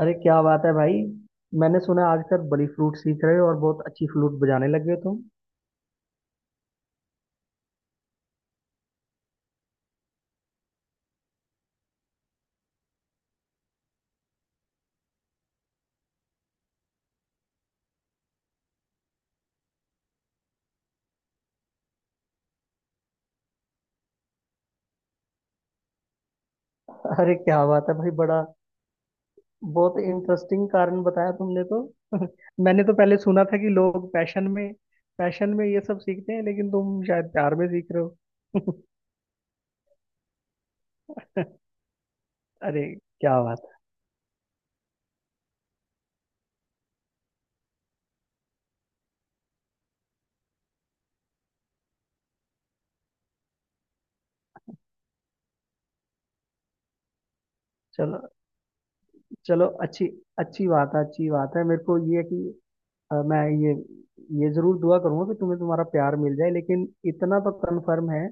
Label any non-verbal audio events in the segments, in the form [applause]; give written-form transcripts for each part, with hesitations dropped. अरे क्या बात है भाई। मैंने सुना है आजकल बड़ी फ्लूट सीख रहे हो और बहुत अच्छी फ्लूट बजाने लगे हो तुम। अरे क्या बात है भाई, बड़ा बहुत इंटरेस्टिंग कारण बताया तुमने तो। [laughs] मैंने तो पहले सुना था कि लोग पैशन में ये सब सीखते हैं, लेकिन तुम शायद प्यार में सीख रहे हो। [laughs] अरे क्या बात है। चलो चलो, अच्छी अच्छी बात है, अच्छी बात है। मेरे को ये है कि मैं ये जरूर दुआ करूंगा कि तुम्हें तुम्हारा प्यार मिल जाए, लेकिन इतना तो कंफर्म है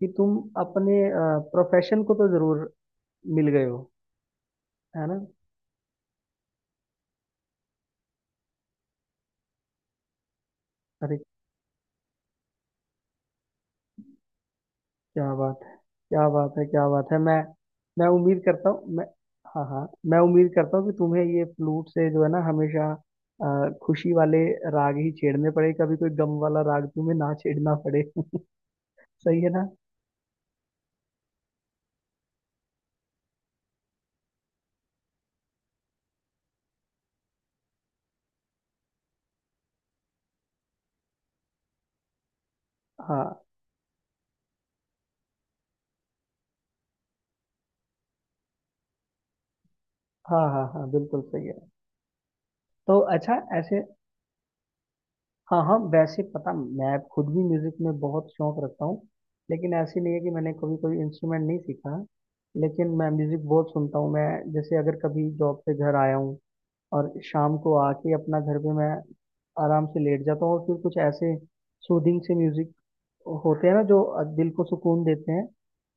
कि तुम अपने प्रोफेशन को तो जरूर मिल गए हो, है ना। अरे क्या बात है, क्या बात है, क्या बात है। मैं उम्मीद करता हूँ, मैं हाँ हाँ मैं उम्मीद करता हूँ कि तुम्हें ये फ्लूट से जो है ना हमेशा खुशी वाले राग ही छेड़ने पड़े, कभी कोई गम वाला राग तुम्हें ना छेड़ना पड़े। [laughs] सही है ना। हाँ हाँ हाँ हाँ, बिल्कुल सही है। तो अच्छा, ऐसे हाँ हाँ, वैसे पता मैं खुद भी म्यूजिक में बहुत शौक रखता हूँ, लेकिन ऐसे नहीं है कि मैंने कभी कोई इंस्ट्रूमेंट नहीं सीखा है। लेकिन मैं म्यूजिक बहुत सुनता हूँ। मैं जैसे अगर कभी जॉब से घर आया हूँ और शाम को आके अपना घर पे मैं आराम से लेट जाता हूँ और फिर कुछ ऐसे सूदिंग से म्यूजिक होते हैं ना जो दिल को सुकून देते हैं।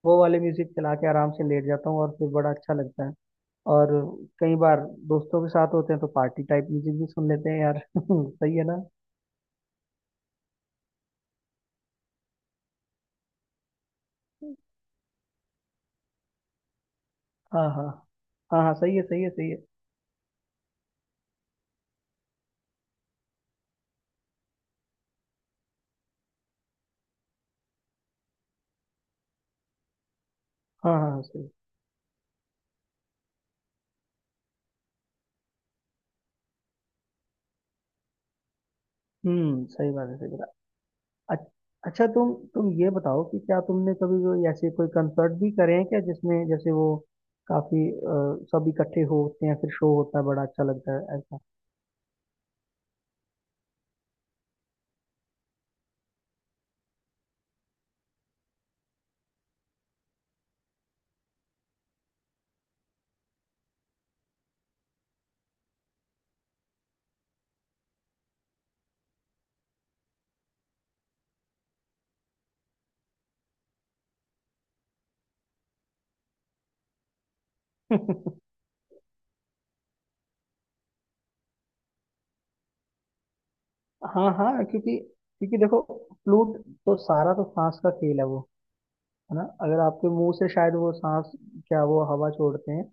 वो वाले म्यूजिक चला के आराम से लेट जाता हूँ और फिर बड़ा अच्छा लगता है। और कई बार दोस्तों के साथ होते हैं तो पार्टी टाइप म्यूजिक भी सुन लेते हैं यार। [laughs] सही है ना। हाँ हाँ हाँ हाँ, सही है, सही है, सही है। हाँ हाँ हाँ, सही है। हम्म, सही बात है, सही बात है। अच्छा, तुम ये बताओ कि क्या तुमने कभी कोई ऐसे कोई कंसर्ट भी करे हैं क्या, जिसमें जैसे वो काफी सब इकट्ठे होते हैं फिर शो होता है, बड़ा अच्छा लगता है ऐसा। [laughs] हाँ हाँ, क्योंकि क्योंकि देखो फ्लूट तो सारा तो सांस का खेल है वो, है ना। अगर आपके मुंह से शायद वो सांस, क्या, वो हवा छोड़ते हैं।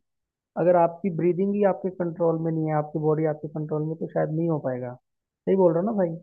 अगर आपकी ब्रीदिंग ही आपके कंट्रोल में नहीं है, आपकी बॉडी आपके कंट्रोल में, तो शायद नहीं हो पाएगा। सही बोल रहा हूँ ना भाई।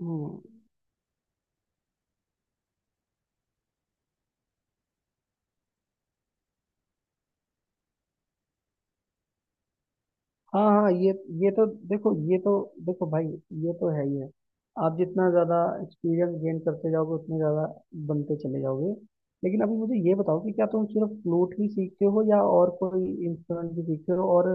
हम्म। हाँ हाँ, ये तो देखो, ये तो देखो भाई, ये तो है ही है। आप जितना ज़्यादा एक्सपीरियंस गेन करते जाओगे उतने ज़्यादा बनते चले जाओगे। लेकिन अभी मुझे ये बताओ कि क्या तुम सिर्फ फ्लूट ही सीखते हो या और कोई इंस्ट्रूमेंट भी सीखते हो, और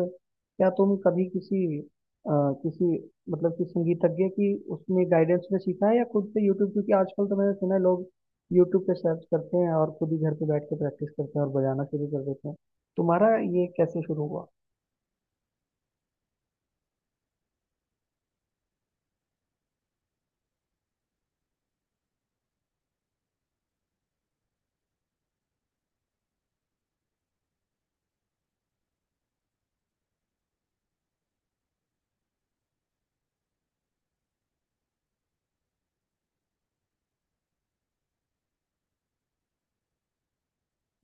क्या तुम कभी किसी मतलब कि संगीतज्ञ की उसमें गाइडेंस में सीखा है या खुद से यूट्यूब, क्योंकि आजकल तो मैंने सुना है लोग यूट्यूब पे सर्च करते हैं और खुद ही घर पे बैठ के प्रैक्टिस करते हैं और बजाना शुरू कर देते हैं। तुम्हारा ये कैसे शुरू हुआ?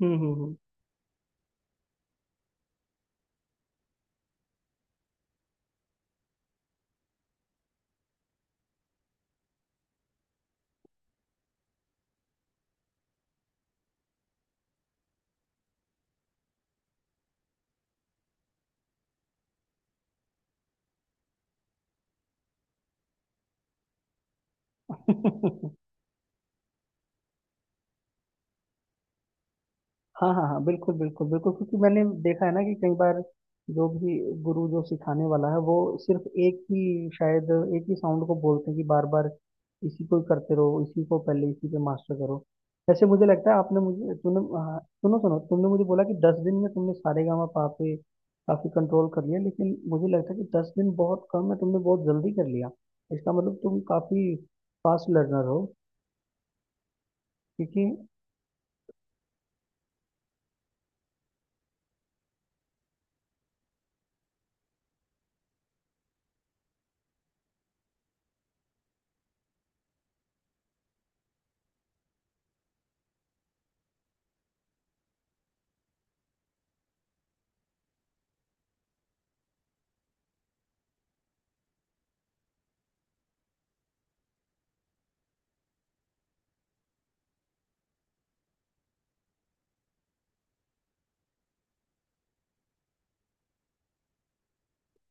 हम्म। हाँ हाँ हाँ, बिल्कुल बिल्कुल बिल्कुल, क्योंकि मैंने देखा है ना कि कई बार जो भी गुरु जो सिखाने वाला है वो सिर्फ एक ही, शायद एक ही साउंड को बोलते हैं कि बार बार इसी को ही करते रहो, इसी को पहले, इसी पे मास्टर करो। ऐसे मुझे लगता है, आपने मुझे तुमने, हाँ, सुनो सुनो, तुमने मुझे बोला कि 10 दिन में तुमने सारेगामा पा पे काफी कंट्रोल कर लिया, लेकिन मुझे लगता है कि 10 दिन बहुत कम है, तुमने बहुत जल्दी कर लिया। इसका मतलब तुम काफी फास्ट लर्नर हो, क्योंकि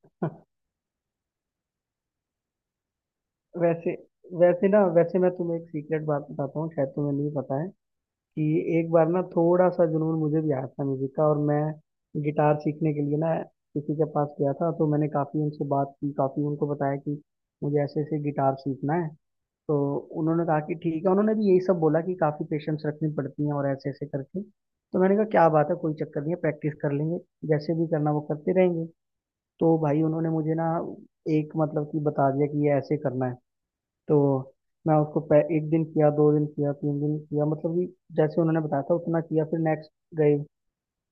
[laughs] वैसे वैसे ना वैसे मैं तुम्हें एक सीक्रेट बात बताता हूँ, शायद तुम्हें नहीं पता है कि एक बार ना थोड़ा सा जुनून मुझे भी आया था म्यूजिक का, और मैं गिटार सीखने के लिए ना किसी के पास गया था। तो मैंने काफ़ी उनसे बात की, काफ़ी उनको बताया कि मुझे ऐसे ऐसे गिटार सीखना है। तो उन्होंने कहा कि ठीक है, उन्होंने भी यही सब बोला कि काफ़ी पेशेंस रखनी पड़ती है और ऐसे ऐसे करके। तो मैंने कहा क्या बात है, कोई चक्कर नहीं है, प्रैक्टिस कर लेंगे, जैसे भी करना वो करते रहेंगे। तो भाई उन्होंने मुझे ना एक मतलब कि बता दिया कि ये ऐसे करना है। तो मैं उसको एक दिन किया, 2 दिन किया, 3 दिन किया, मतलब कि जैसे उन्होंने बताया था उतना किया। फिर नेक्स्ट गए।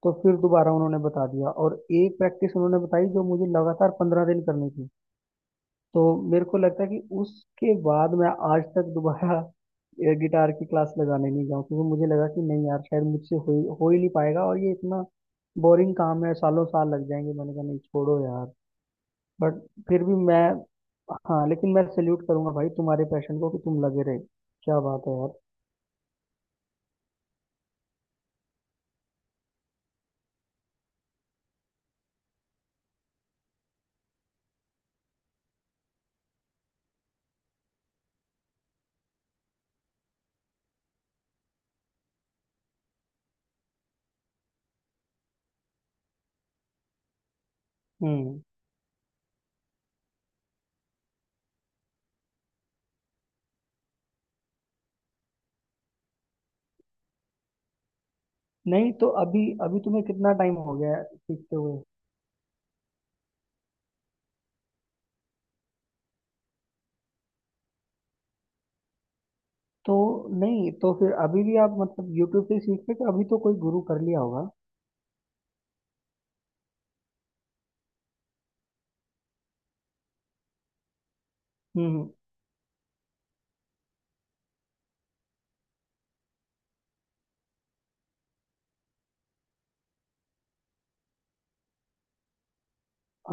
तो फिर दोबारा उन्होंने बता दिया, और एक प्रैक्टिस उन्होंने बताई जो मुझे लगातार 15 दिन करनी थी। तो मेरे को लगता है कि उसके बाद मैं आज तक दोबारा गिटार की क्लास लगाने नहीं जाऊँ, क्योंकि मुझे लगा कि नहीं यार, शायद मुझसे हो ही नहीं पाएगा और ये इतना बोरिंग काम है, सालों साल लग जाएंगे। मैंने कहा नहीं छोड़ो यार। बट फिर भी मैं हाँ, लेकिन मैं सैल्यूट करूंगा भाई तुम्हारे पैशन को कि तुम लगे रहे। क्या बात है यार। हम्म। नहीं तो अभी अभी तुम्हें कितना टाइम हो गया है सीखते हुए? तो नहीं, तो फिर अभी भी आप मतलब यूट्यूब से सीखते हो कि अभी तो कोई गुरु कर लिया होगा? हम्म।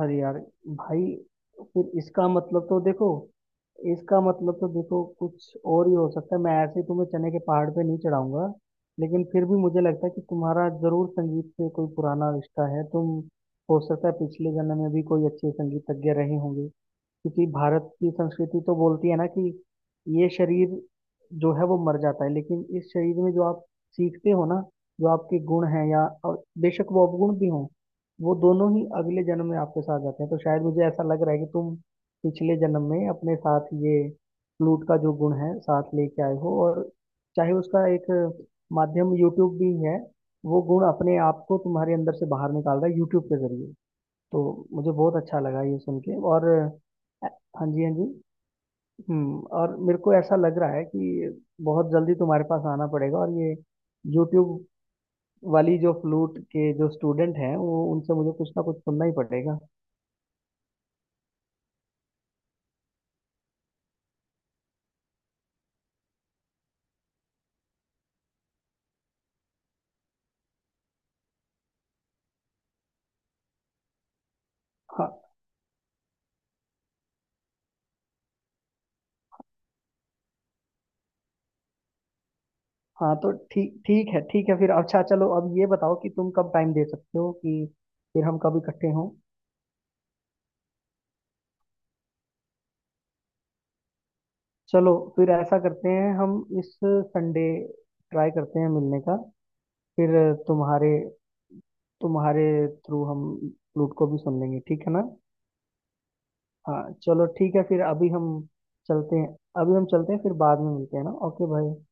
अरे यार, भाई, फिर इसका मतलब तो देखो, इसका मतलब तो देखो, कुछ और ही हो सकता है। मैं ऐसे ही तुम्हें चने के पहाड़ पे नहीं चढ़ाऊंगा, लेकिन फिर भी मुझे लगता है कि तुम्हारा जरूर संगीत से कोई पुराना रिश्ता है, तुम हो सकता है पिछले जन्म में भी कोई अच्छे संगीतज्ञ रहे होंगे। क्योंकि भारत की संस्कृति तो बोलती है ना कि ये शरीर जो है वो मर जाता है, लेकिन इस शरीर में जो आप सीखते हो ना, जो आपके गुण हैं या और बेशक वो अवगुण भी हों, वो दोनों ही अगले जन्म में आपके साथ जाते हैं। तो शायद मुझे ऐसा लग रहा है कि तुम पिछले जन्म में अपने साथ ये फ्लूट का जो गुण है साथ लेके आए हो, और चाहे उसका एक माध्यम यूट्यूब भी है, वो गुण अपने आप को तुम्हारे अंदर से बाहर निकाल रहा है यूट्यूब के जरिए। तो मुझे बहुत अच्छा लगा ये सुन के। और अ, हाँ जी, हाँ जी, हम्म। और मेरे को ऐसा लग रहा है कि बहुत जल्दी तुम्हारे पास आना पड़ेगा, और ये यूट्यूब वाली जो फ्लूट के जो स्टूडेंट हैं वो उनसे मुझे कुछ ना कुछ सुनना ही पड़ेगा। हाँ हाँ, तो ठीक ठीक है, ठीक है, फिर अच्छा, चलो अब ये बताओ कि तुम कब टाइम दे सकते हो, कि फिर हम कब इकट्ठे हों? चलो फिर ऐसा करते हैं, हम इस संडे ट्राई करते हैं मिलने का, फिर तुम्हारे तुम्हारे थ्रू हम फ्लूट को भी सुन लेंगे, ठीक है ना। हाँ चलो ठीक है। फिर अभी हम चलते हैं, अभी हम चलते हैं, फिर बाद में मिलते हैं ना। ओके भाई।